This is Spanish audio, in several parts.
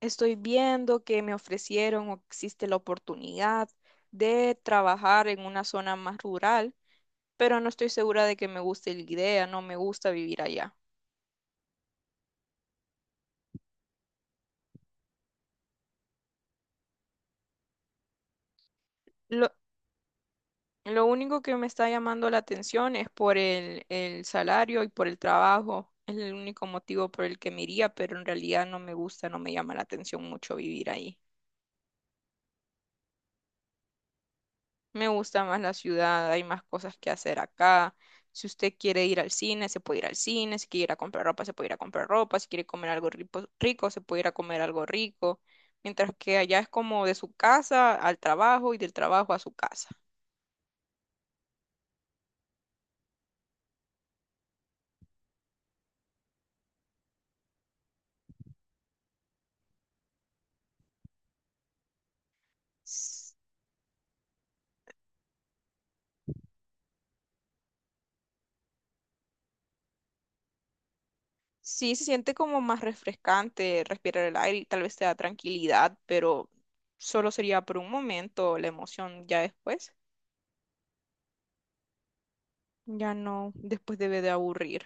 Estoy viendo que me ofrecieron o existe la oportunidad de trabajar en una zona más rural, pero no estoy segura de que me guste la idea, no me gusta vivir allá. Lo, lo único que me está llamando la atención es por el salario y por el trabajo. Es el único motivo por el que me iría, pero en realidad no me gusta, no me llama la atención mucho vivir ahí. Me gusta más la ciudad, hay más cosas que hacer acá. Si usted quiere ir al cine, se puede ir al cine. Si quiere ir a comprar ropa, se puede ir a comprar ropa. Si quiere comer algo rico, rico, se puede ir a comer algo rico. Mientras que allá es como de su casa al trabajo y del trabajo a su casa. S- Sí, se siente como más refrescante respirar el aire y tal vez te da tranquilidad, pero solo sería por un momento la emoción. Ya después, ya no, después debe de aburrir.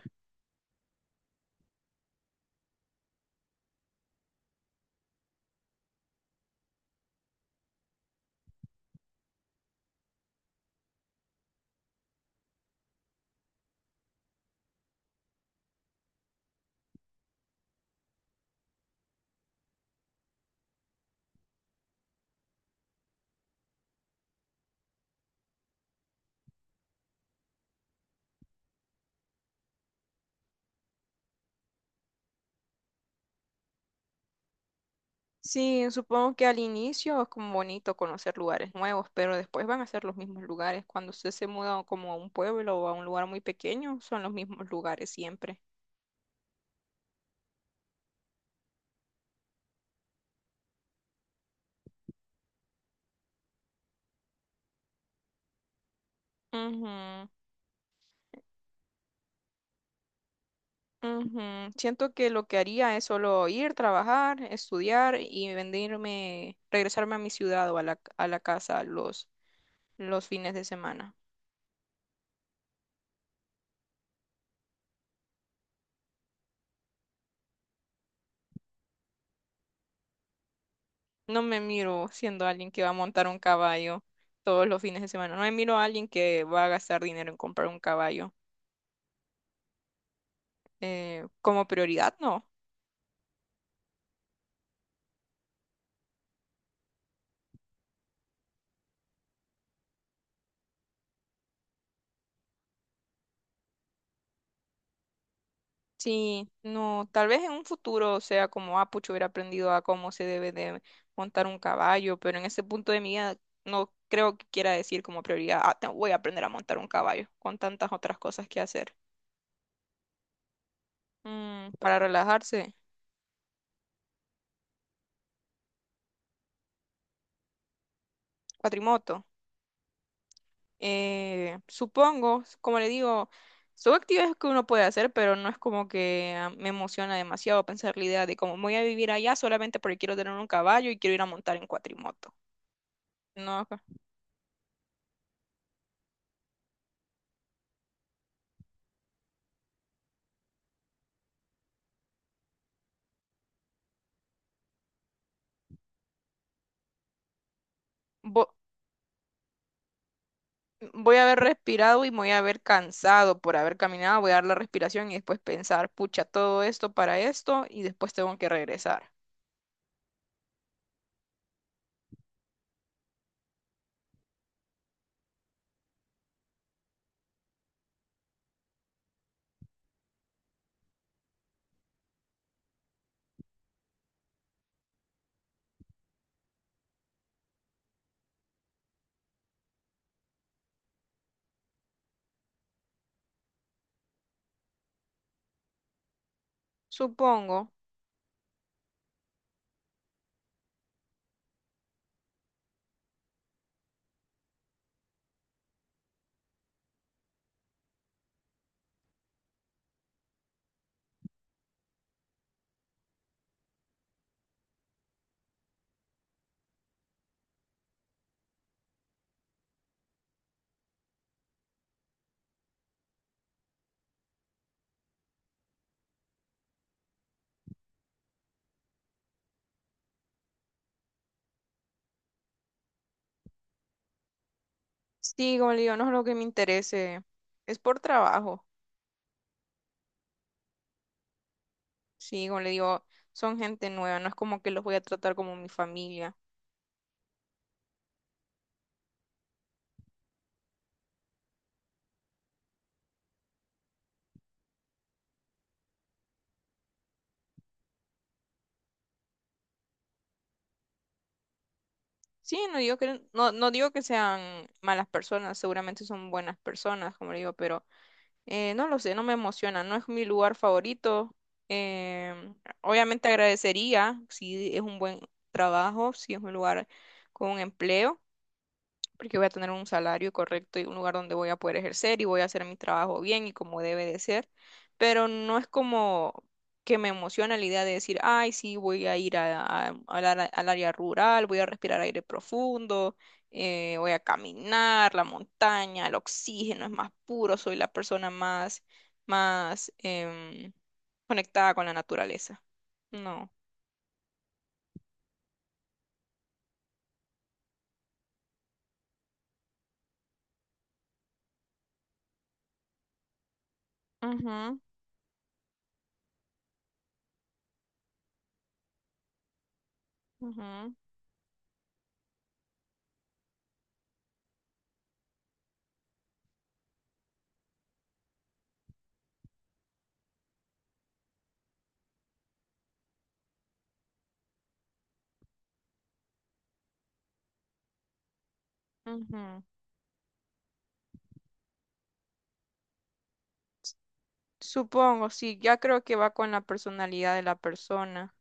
Sí, supongo que al inicio es como bonito conocer lugares nuevos, pero después van a ser los mismos lugares. Cuando usted se muda como a un pueblo o a un lugar muy pequeño, son los mismos lugares siempre. Ujú, ujú. Siento que lo que haría es solo ir, trabajar, estudiar y venirme, regresarme a mi ciudad o a la casa los fines de semana. No me miro siendo alguien que va a montar un caballo todos los fines de semana. No me miro a alguien que va a gastar dinero en comprar un caballo. Como prioridad, no. Sí, no, tal vez en un futuro sea como, ah, pucho, hubiera aprendido a cómo se debe de montar un caballo, pero en ese punto de mi vida no creo que quiera decir como prioridad, ah, voy a aprender a montar un caballo, con tantas otras cosas que hacer. Mm, para relajarse, cuatrimoto. Supongo, como le digo, son actividades que uno puede hacer, pero no es como que ah, me emociona demasiado pensar la idea de cómo voy a vivir allá solamente porque quiero tener un caballo y quiero ir a montar en cuatrimoto. No, acá. Vo- Voy a haber respirado y me voy a haber cansado por haber caminado, voy a dar la respiración y después pensar, pucha, todo esto para esto y después tengo que regresar. Supongo. Sí, como le digo, no es lo que me interese. Es por trabajo. Sí, como le digo, son gente nueva, no es como que los voy a tratar como mi familia. Sí, no digo que, no, no digo que sean malas personas, seguramente son buenas personas, como le digo, pero no lo sé, no me emociona, no es mi lugar favorito. Em, Obviamente agradecería si es un buen trabajo, si es un lugar con un empleo porque voy a tener un salario correcto y un lugar donde voy a poder ejercer y voy a hacer mi trabajo bien y como debe de ser, pero no es como que me emociona la idea de decir, ay, sí, voy a ir al al área rural, voy a respirar aire profundo, voy a caminar, la montaña, el oxígeno es más puro, soy la persona más, más conectada con la naturaleza. No. Ujú, ujú, ujú. Supongo, sí, ya creo que va con la personalidad de la persona.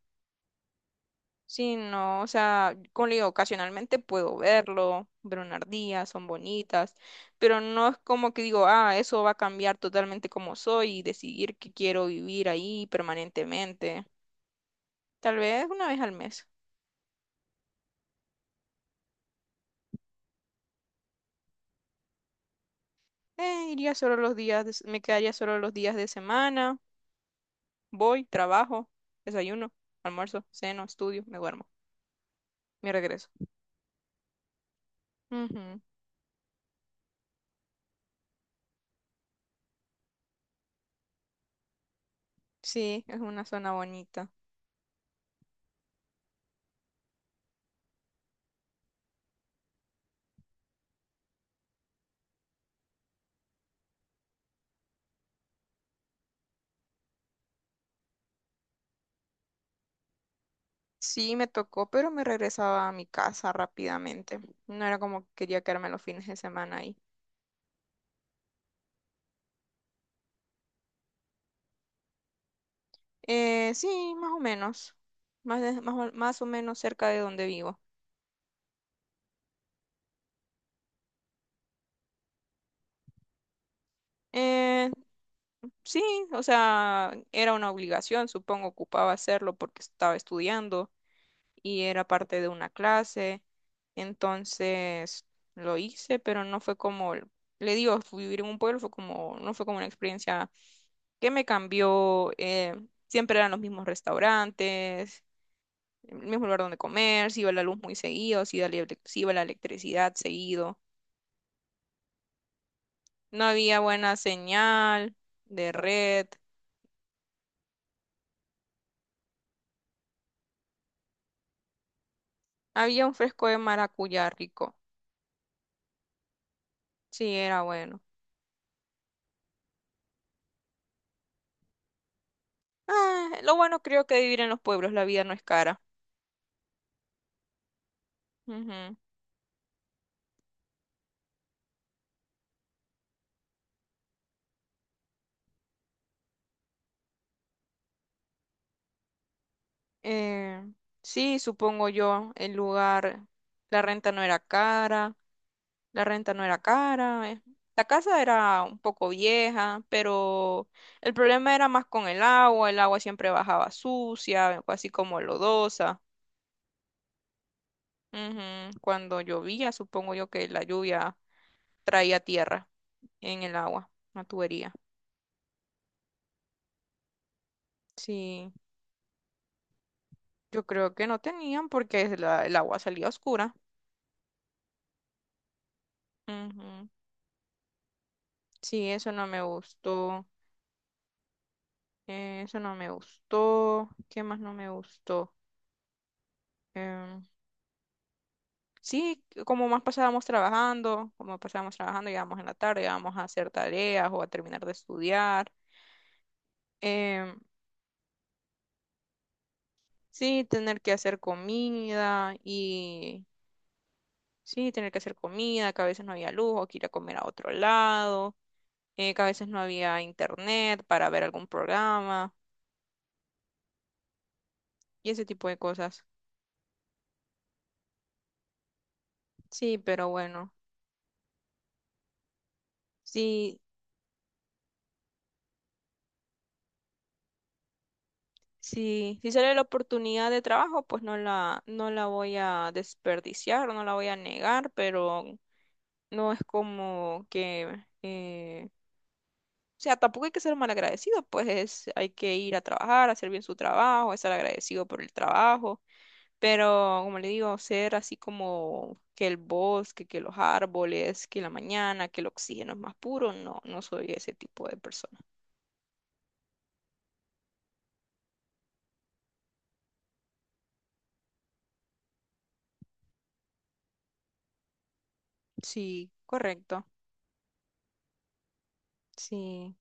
Sí, no, o sea, como le digo, ocasionalmente puedo verlo, ver una ardilla, son bonitas, pero no es como que digo, ah, eso va a cambiar totalmente como soy y decidir que quiero vivir ahí permanentemente. Tal vez una vez al mes. Iría solo los días, me quedaría solo los días de semana, voy, trabajo, desayuno, almuerzo, ceno, estudio, me duermo, me regreso. Ujú. Sí, es una zona bonita. Sí, me tocó, pero me regresaba a mi casa rápidamente. No era como que quería quedarme los fines de semana ahí. Sí, más o menos. Más, más, o más o menos cerca de donde vivo. Eh, sí, o sea, era una obligación, supongo, ocupaba hacerlo porque estaba estudiando y era parte de una clase. Entonces lo hice, pero no fue como, le digo, fui vivir en un pueblo fue como, no fue como una experiencia que me cambió. Siempre eran los mismos restaurantes, el mismo lugar donde comer, si iba la luz muy seguido, si iba la, se iba la electricidad seguido. No había buena señal de red. Había un fresco de maracuyá rico. Sí, era bueno. Ah, lo bueno creo que vivir en los pueblos, la vida no es cara. Ujú. Eh, sí, supongo yo, el lugar, la renta no era cara, la renta no era cara. La casa era un poco vieja, pero el problema era más con el agua siempre bajaba sucia, así como lodosa. Ujú. Cuando llovía, supongo yo que la lluvia traía tierra en el agua, la tubería. Sí, yo creo que no tenían porque el agua salía oscura. Ujú. Sí, eso no me gustó. Eso no me gustó. ¿Qué más no me gustó? Em, sí, como más pasábamos trabajando, como pasábamos trabajando, llegábamos en la tarde, íbamos a hacer tareas o a terminar de estudiar. Em, sí, tener que hacer comida y sí, tener que hacer comida, que a veces no había luz o que ir a comer a otro lado, que a veces no había internet para ver algún programa y ese tipo de cosas. Sí, pero bueno. Sí, si si sale la oportunidad de trabajo, pues no la voy a desperdiciar, no la voy a negar, pero no es como que, o sea, tampoco hay que ser malagradecido, pues hay que ir a trabajar, hacer bien su trabajo, estar agradecido por el trabajo, pero como le digo, ser así como que el bosque, que los árboles, que la mañana, que el oxígeno es más puro, no, no soy ese tipo de persona. Sí, correcto, sí.